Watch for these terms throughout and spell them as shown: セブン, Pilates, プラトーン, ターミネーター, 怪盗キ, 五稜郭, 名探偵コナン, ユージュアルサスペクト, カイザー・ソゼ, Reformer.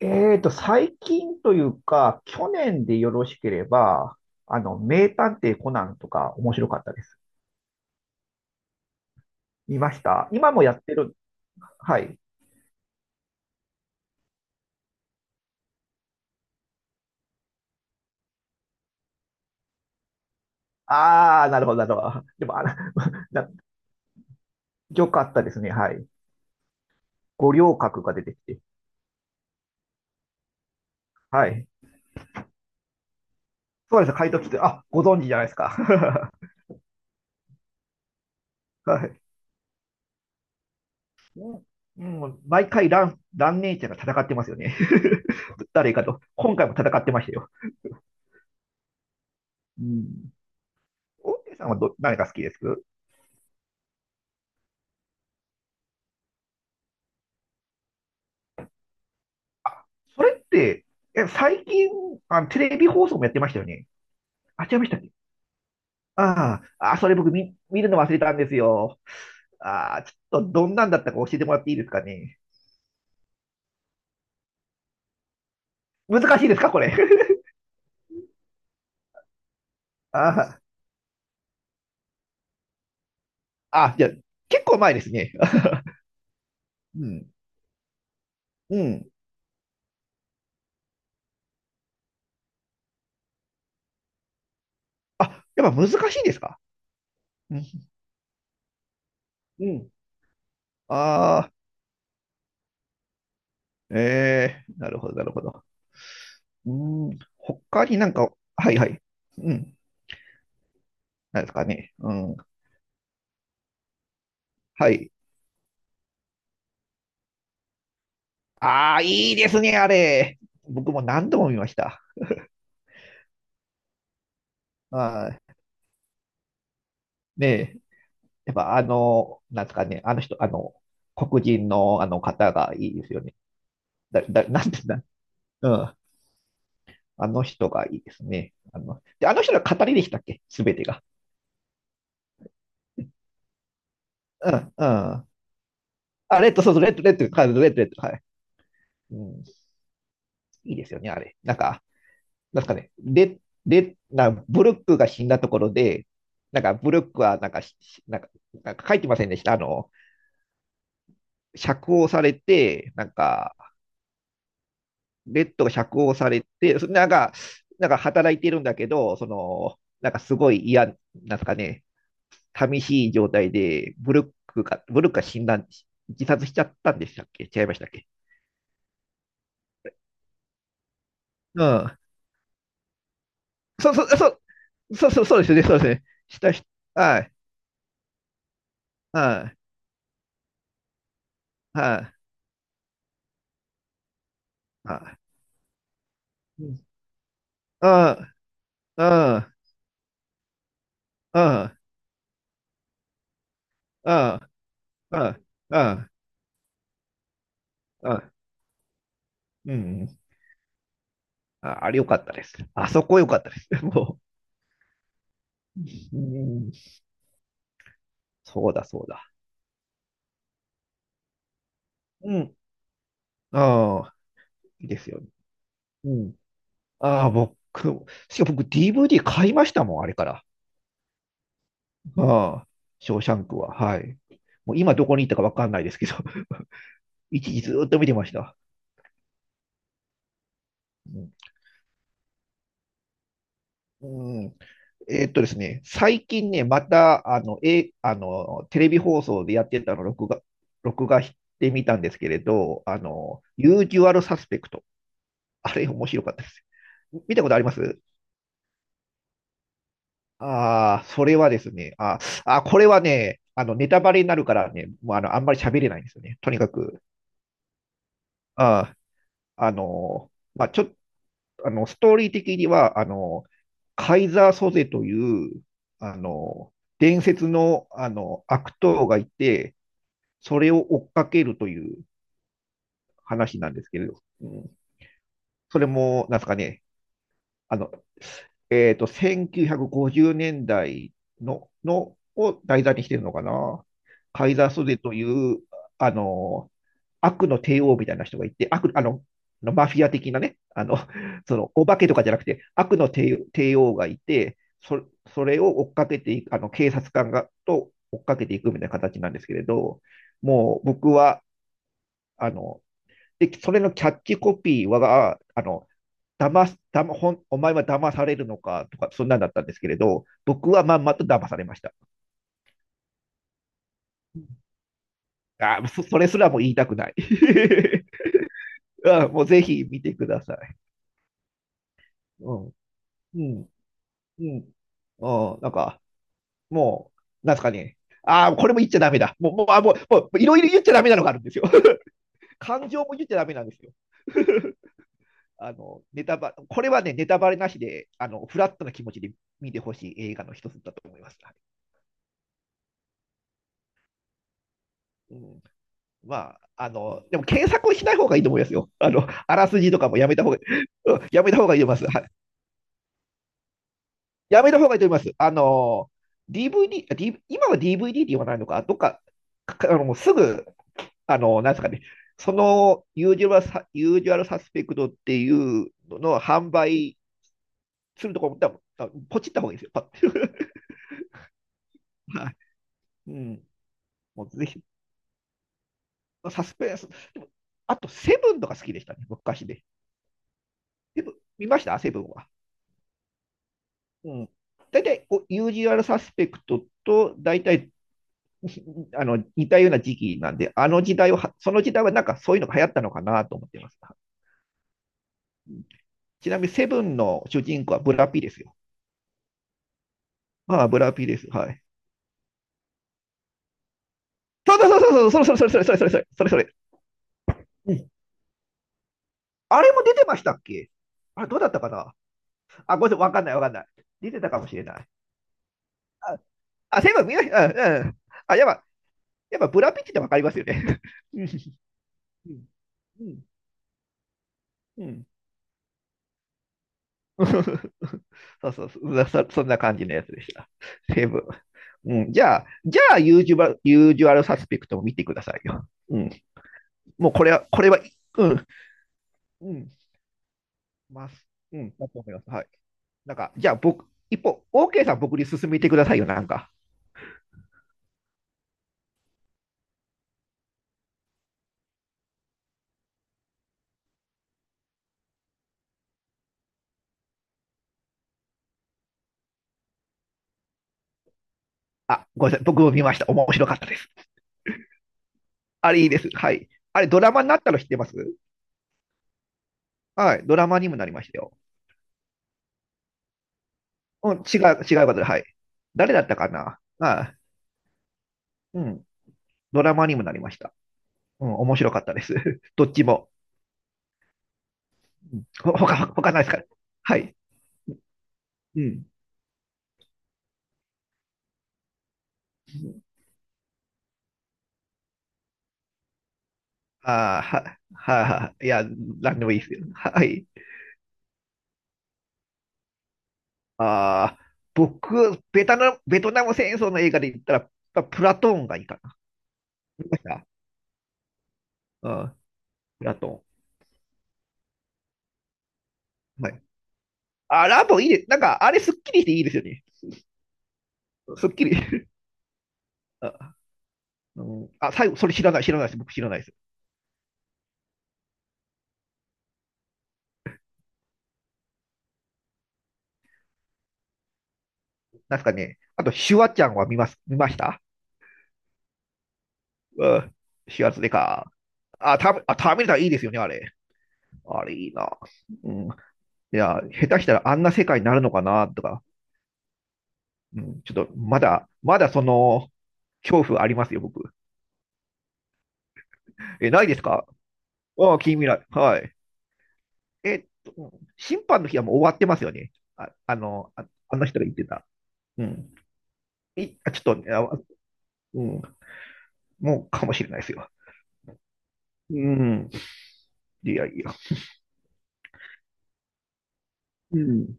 最近というか、去年でよろしければ、名探偵コナンとか面白かったです。見ました今もやってる。はい。あー、なるほど、なるほど。でも、あら、な、よかったですね。はい。五稜郭が出てきて。はい。そうです。怪盗キて、あ、ご存知じゃないですか。はい。うんうん、毎回ラン、ランネちゃんが戦ってますよね。誰かと。今回も戦ってましたよ。うん。オーケーさんはど、何が好きです？それって、え、最近、あ、テレビ放送もやってましたよね。あ、違いましたっけ？ああ、あ、それ僕見、見るの忘れたんですよ。ああ、ちょっとどんなんだったか教えてもらっていいですかね。難しいですか、これ。ああ、あ、じゃあ、結構前ですね。うん、うん。あ、やっぱ難しいですか？うん、うん。ああ、ええなるほど、なるほど。うん、他になんか、はいはい。うん、なんですかね。うん、はい。ああ、いいですね、あれ。僕も何度も見ました。あい。ねえ、やっぱなんですかね、あの人、黒人のあの方がいいですよね。だ、だ、なんてな、うん。あの人がいいですね。で、あの人が語りでしたっけすべてが。うん、うん。あ、レッド、そうそう、レッド、レッド、カード、レッド、レッド、はい。うん、いいですよね、あれ。なんか、なんですかね、レ、レ、な、ブルックが死んだところで、なんか、ブルックは、なんか、しなんか、なんか書いてませんでした。釈放されて、なんか、ベッドが釈放されて、そなんか、なんか働いてるんだけど、その、なんかすごい嫌、なんですかね、寂しい状態で、ブルックが、ブルックが死んだ、自殺しちゃったんでしたっけ違いましたっけ？うん。そうそう、そう、そうそう、そうですね、そうですね。したし、はい、はい、はい、はい。うん、うん、うん、うん、うん、うん、うん、うん。うんああれ良かったです。あそこ良かったです。もう、うん、そうだ、そうだ。うん。ああ、いいですよね。うん。ああ、僕、しかも僕 DVD 買いましたもん、あれから。ああ、ショーシャンクは。はい。もう今どこに行ったかわかんないですけど、一時ずーっと見てました。うん。うんですね、最近ね、また、あの、え、あの、テレビ放送でやってたのを録画、録画してみたんですけれど、ユージュアルサスペクト。あれ面白かったです。見たことあります？ああ、それはですね、ああ、これはね、ネタバレになるからね、もうあの、あんまり喋れないんですよね。とにかく、ああ、まあ、ちょっと、ストーリー的には、カイザー・ソゼという、あの、伝説の、悪党がいて、それを追っかけるという話なんですけれど、うん、それも、なんですかね、あの、1950年代の、のを題材にしてるのかな。カイザー・ソゼという、あの、悪の帝王みたいな人がいて、悪、マフィア的なね、その、お化けとかじゃなくて、悪の帝、帝王がいて、そ、それを追っかけていく、警察官が、と追っかけていくみたいな形なんですけれど、もう僕は、あの、で、それのキャッチコピーは、騙す、騙、ほん、お前は騙されるのかとか、そんなんだったんですけれど、僕はまんまと騙されました。あーそ、それすらも言いたくない。あーもうぜひ見てください。うん、うん、うん、うん、なんか、もう、なんすかね。ああ、これも言っちゃダメだ。もう、もう、あ、もう、もう、いろいろ言っちゃダメなのがあるんですよ。感情も言っちゃダメなんですよ。ネタバ、これはね、ネタバレなしで、フラットな気持ちで見てほしい映画の一つだと思います。うん、まあ、でも検索をしない方がいいと思いますよ。あらすじとかもやめた方が、うんやめた方がいいと思います。はい。やめた方がいいと思います。DVD、あディーブイ今は DVD って言わないのか、どっか、かもうすぐ、なんですかね、そのユージュアルサ、ユージュアルサスペクトっていうのの販売するところも、多分あポチった方がいいですよ。パッ はい。うん。もうぜひ、サスペンス。でもあと、セブンとか好きでしたね、昔で。セブン見ましたセブンは。うん。大体こう、ユージュアルサスペクトと、大体、似たような時期なんで、あの時代は、その時代はなんかそういうのが流行ったのかなと思ってます。ちなみに、セブンの主人公はブラピですよ。ああ、ブラピです。はい。そうそうそうそう、それそれそれそれそれそれそれそれそれ。うん。あれも出てましたっけ？あれ、どうだったかな？あ、ごめんなさい、わかんないわかんない。出てたかもしれない。あ、あセブン見ました。うん、うん。あ、やばい。やっぱブラピッチってわかりますよね。うん。うんうん。そうそうそうそ、そんな感じのやつでした。セブン。うん、じゃあ、じゃあ、ユージュバユージュアルサスペクトも見てくださいよ。うん。もうこれは、これは、うん、うん、ます。うん、だと思います。はい。なんか、じゃあ僕、一方、OK さん僕に進めてくださいよ、なんか。あ、ごめんなさい。僕も見ました。面白かったです。あれいいです。はい。あれ、ドラマになったの知ってます？はい。ドラマにもなりましたよ。うん、違う、違う方で、はい。誰だったかなまあうん。ドラマにもなりました。うん、面白かったです。どっちも。うんほ、他、他ないですから？はい。うん。ああ、は、は、は、いや、なんでもいいですよ。はい。ああ、僕、ベトナム、ベトナム戦争の映画で言ったら、やっぱプラトーンがいいかな。見ました？うん、プラトーン。はい。あ、ラボいいです。なんか、あれ、すっきりしていいですよね。すっきり。あ、うん、あ、最後、それ知らない、知らないです。僕知らないです。なんすかね。あと、シュワちゃんは見ます、見ました？うん。シュワツでか。あ、ター、あ、ターミネーターいいですよね、あれ。あれいいな。うん。いや、下手したらあんな世界になるのかな、とか。うん。ちょっと、まだ、まだその、恐怖ありますよ、僕。え、ないですか？ああ、近未来。はい。うん審判の日はもう終わってますよね。あの人が言ってた。うん。い、あ、ちょっと、あ、うん。もうかもしれないですよ。うん。いやいや。うん。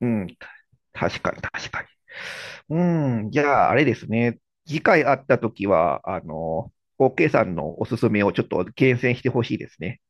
うん。確かに、確かに。うん、じゃあ、あれですね。次回会ったときは、OK さんのおすすめをちょっと厳選してほしいですね。